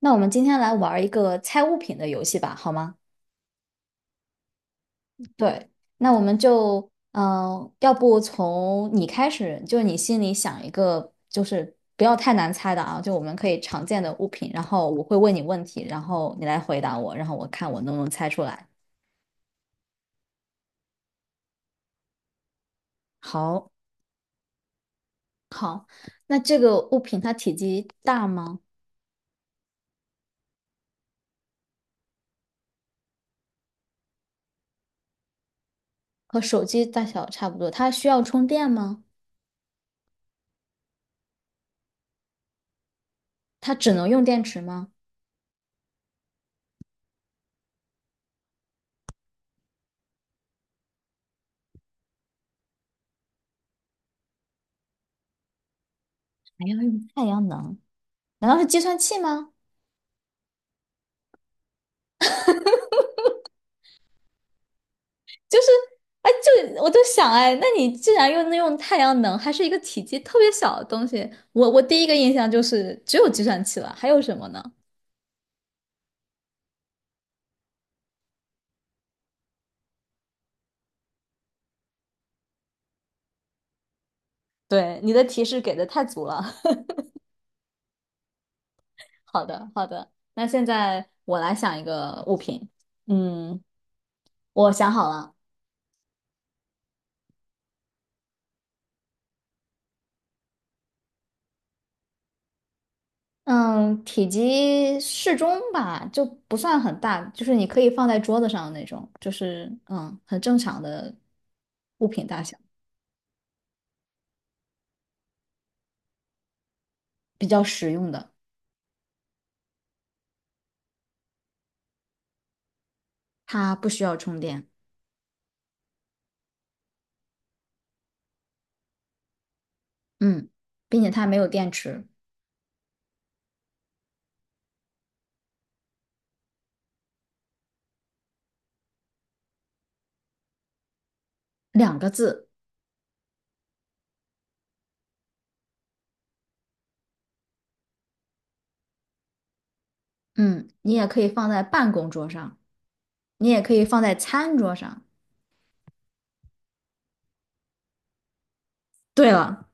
那我们今天来玩一个猜物品的游戏吧，好吗？对，那我们就，要不从你开始，就是你心里想一个，就是不要太难猜的啊，就我们可以常见的物品，然后我会问你问题，然后你来回答我，然后我看我能不能猜出来。好，那这个物品它体积大吗？和手机大小差不多？它需要充电吗？它只能用电池吗？还要用太阳能？难道是计算器吗？就是，哎，就我就想，哎，那你既然又能用太阳能，还是一个体积特别小的东西，我第一个印象就是只有计算器了，还有什么呢？对，你的提示给的太足了。好的，好的，那现在我来想一个物品。嗯，我想好了。嗯，体积适中吧，就不算很大，就是你可以放在桌子上的那种，就是嗯，很正常的物品大小，比较实用的，它不需要充电。嗯，并且它没有电池，两个字。嗯，你也可以放在办公桌上，你也可以放在餐桌上。对了，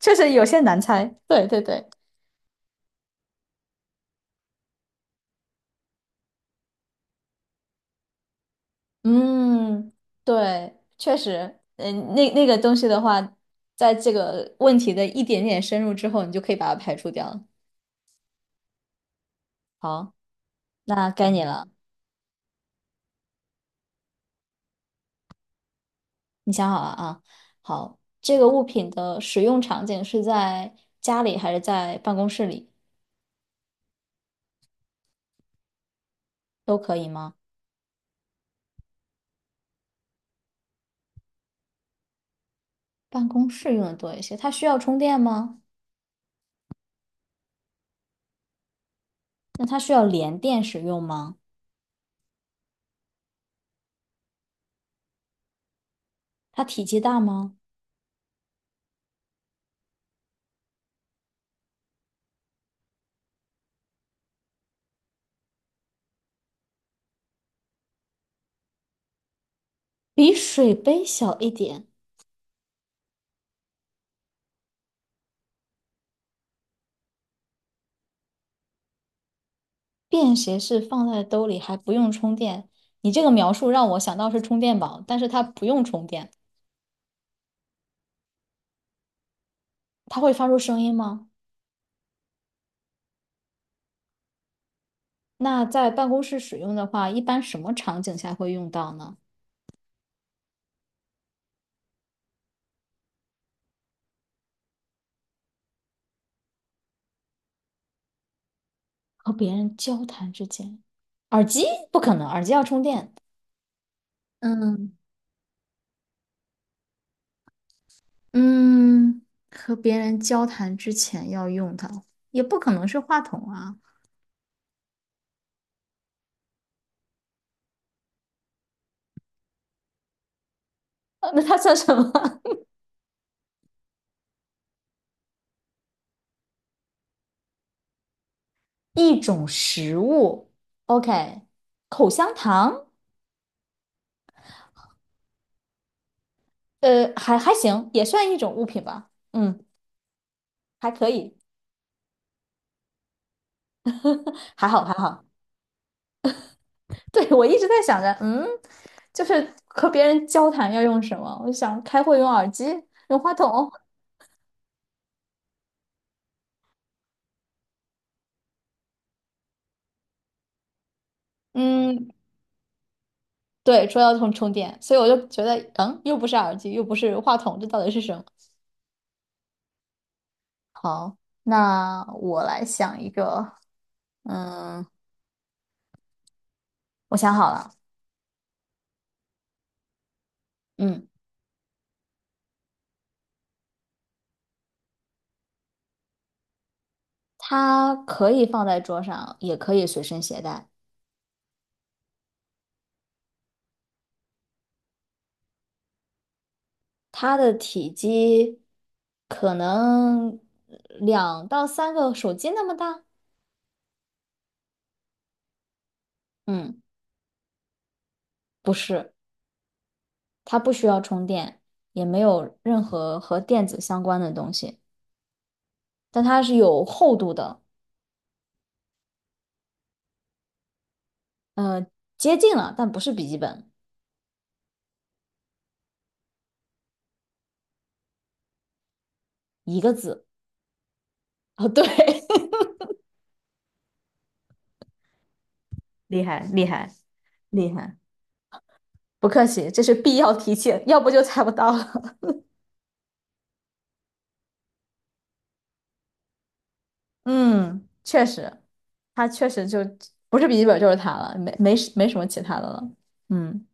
确实有些难猜。对对对，嗯，对，确实，嗯，那那个东西的话，在这个问题的一点点深入之后，你就可以把它排除掉了。好，那该你了，你想好了啊？好，这个物品的使用场景是在家里还是在办公室里都可以吗？办公室用的多一些。它需要充电吗？那它需要连电使用吗？它体积大吗？比水杯小一点，便携式放在兜里还不用充电。你这个描述让我想到是充电宝，但是它不用充电。它会发出声音吗？那在办公室使用的话，一般什么场景下会用到呢？和别人交谈之间，耳机不可能，耳机要充电。嗯，嗯，和别人交谈之前要用它，也不可能是话筒啊。那它算什么？一种食物，OK,口香糖，还还行，也算一种物品吧，嗯，还可以，还好还好。对，我一直在想着，嗯，就是和别人交谈要用什么？我就想开会用耳机，用话筒，嗯，对，说要用充电，所以我就觉得，嗯，又不是耳机，又不是话筒，这到底是什么？好，那我来想一个，嗯，我想好了，嗯，它可以放在桌上，也可以随身携带。它的体积可能两到三个手机那么大，嗯，不是，它不需要充电，也没有任何和电子相关的东西，但它是有厚度的，呃，接近了，但不是笔记本，一个字。哦，对，厉害厉害厉害，不客气，这是必要提现，要不就猜不到了。嗯，确实，它确实就不是笔记本就是它了，没没什没什么其他的了。嗯，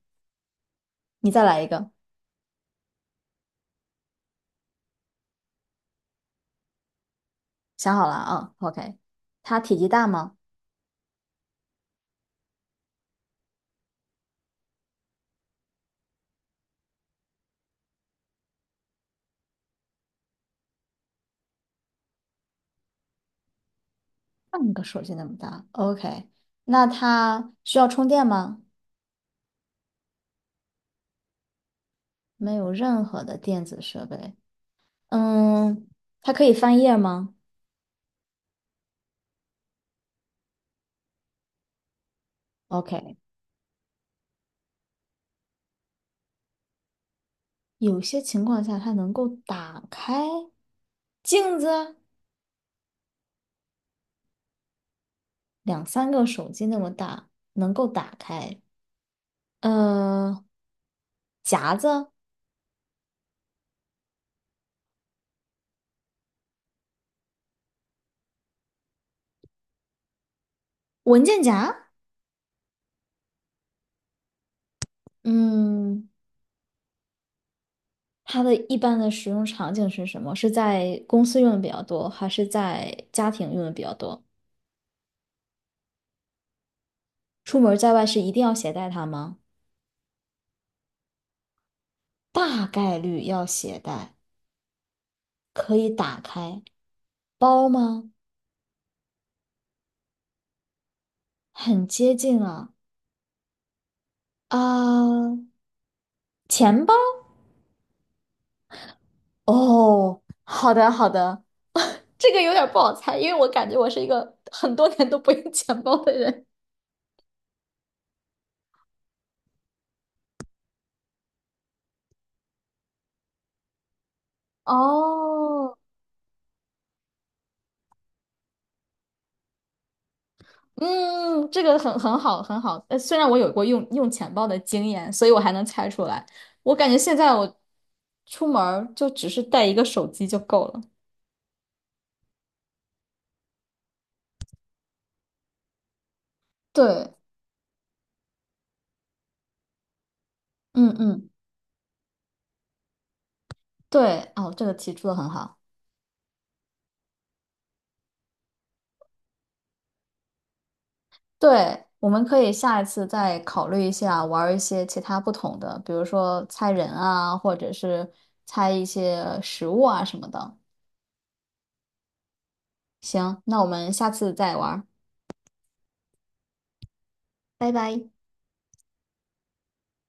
你再来一个，想好了啊，OK。它体积大吗？半个手机那么大，OK。那它需要充电吗？没有任何的电子设备。嗯，它可以翻页吗？OK。有些情况下它能够打开镜子。两三个手机那么大，能够打开。呃，夹子，文件夹，嗯，它的一般的使用场景是什么？是在公司用的比较多，还是在家庭用的比较多？出门在外是一定要携带它吗？大概率要携带，可以打开。包吗？很接近啊，啊，钱包。哦，好的，好的。这个有点不好猜，因为我感觉我是一个很多年都不用钱包的人。哦，嗯，这个很很好，很好。虽然我有过用钱包的经验，所以我还能猜出来。我感觉现在我出门儿就只是带一个手机就够了。对，嗯嗯，对，哦，这个提出的很好。对，我们可以下一次再考虑一下，玩儿一些其他不同的，比如说猜人啊，或者是猜一些食物啊什么的。行，那我们下次再玩儿，拜拜。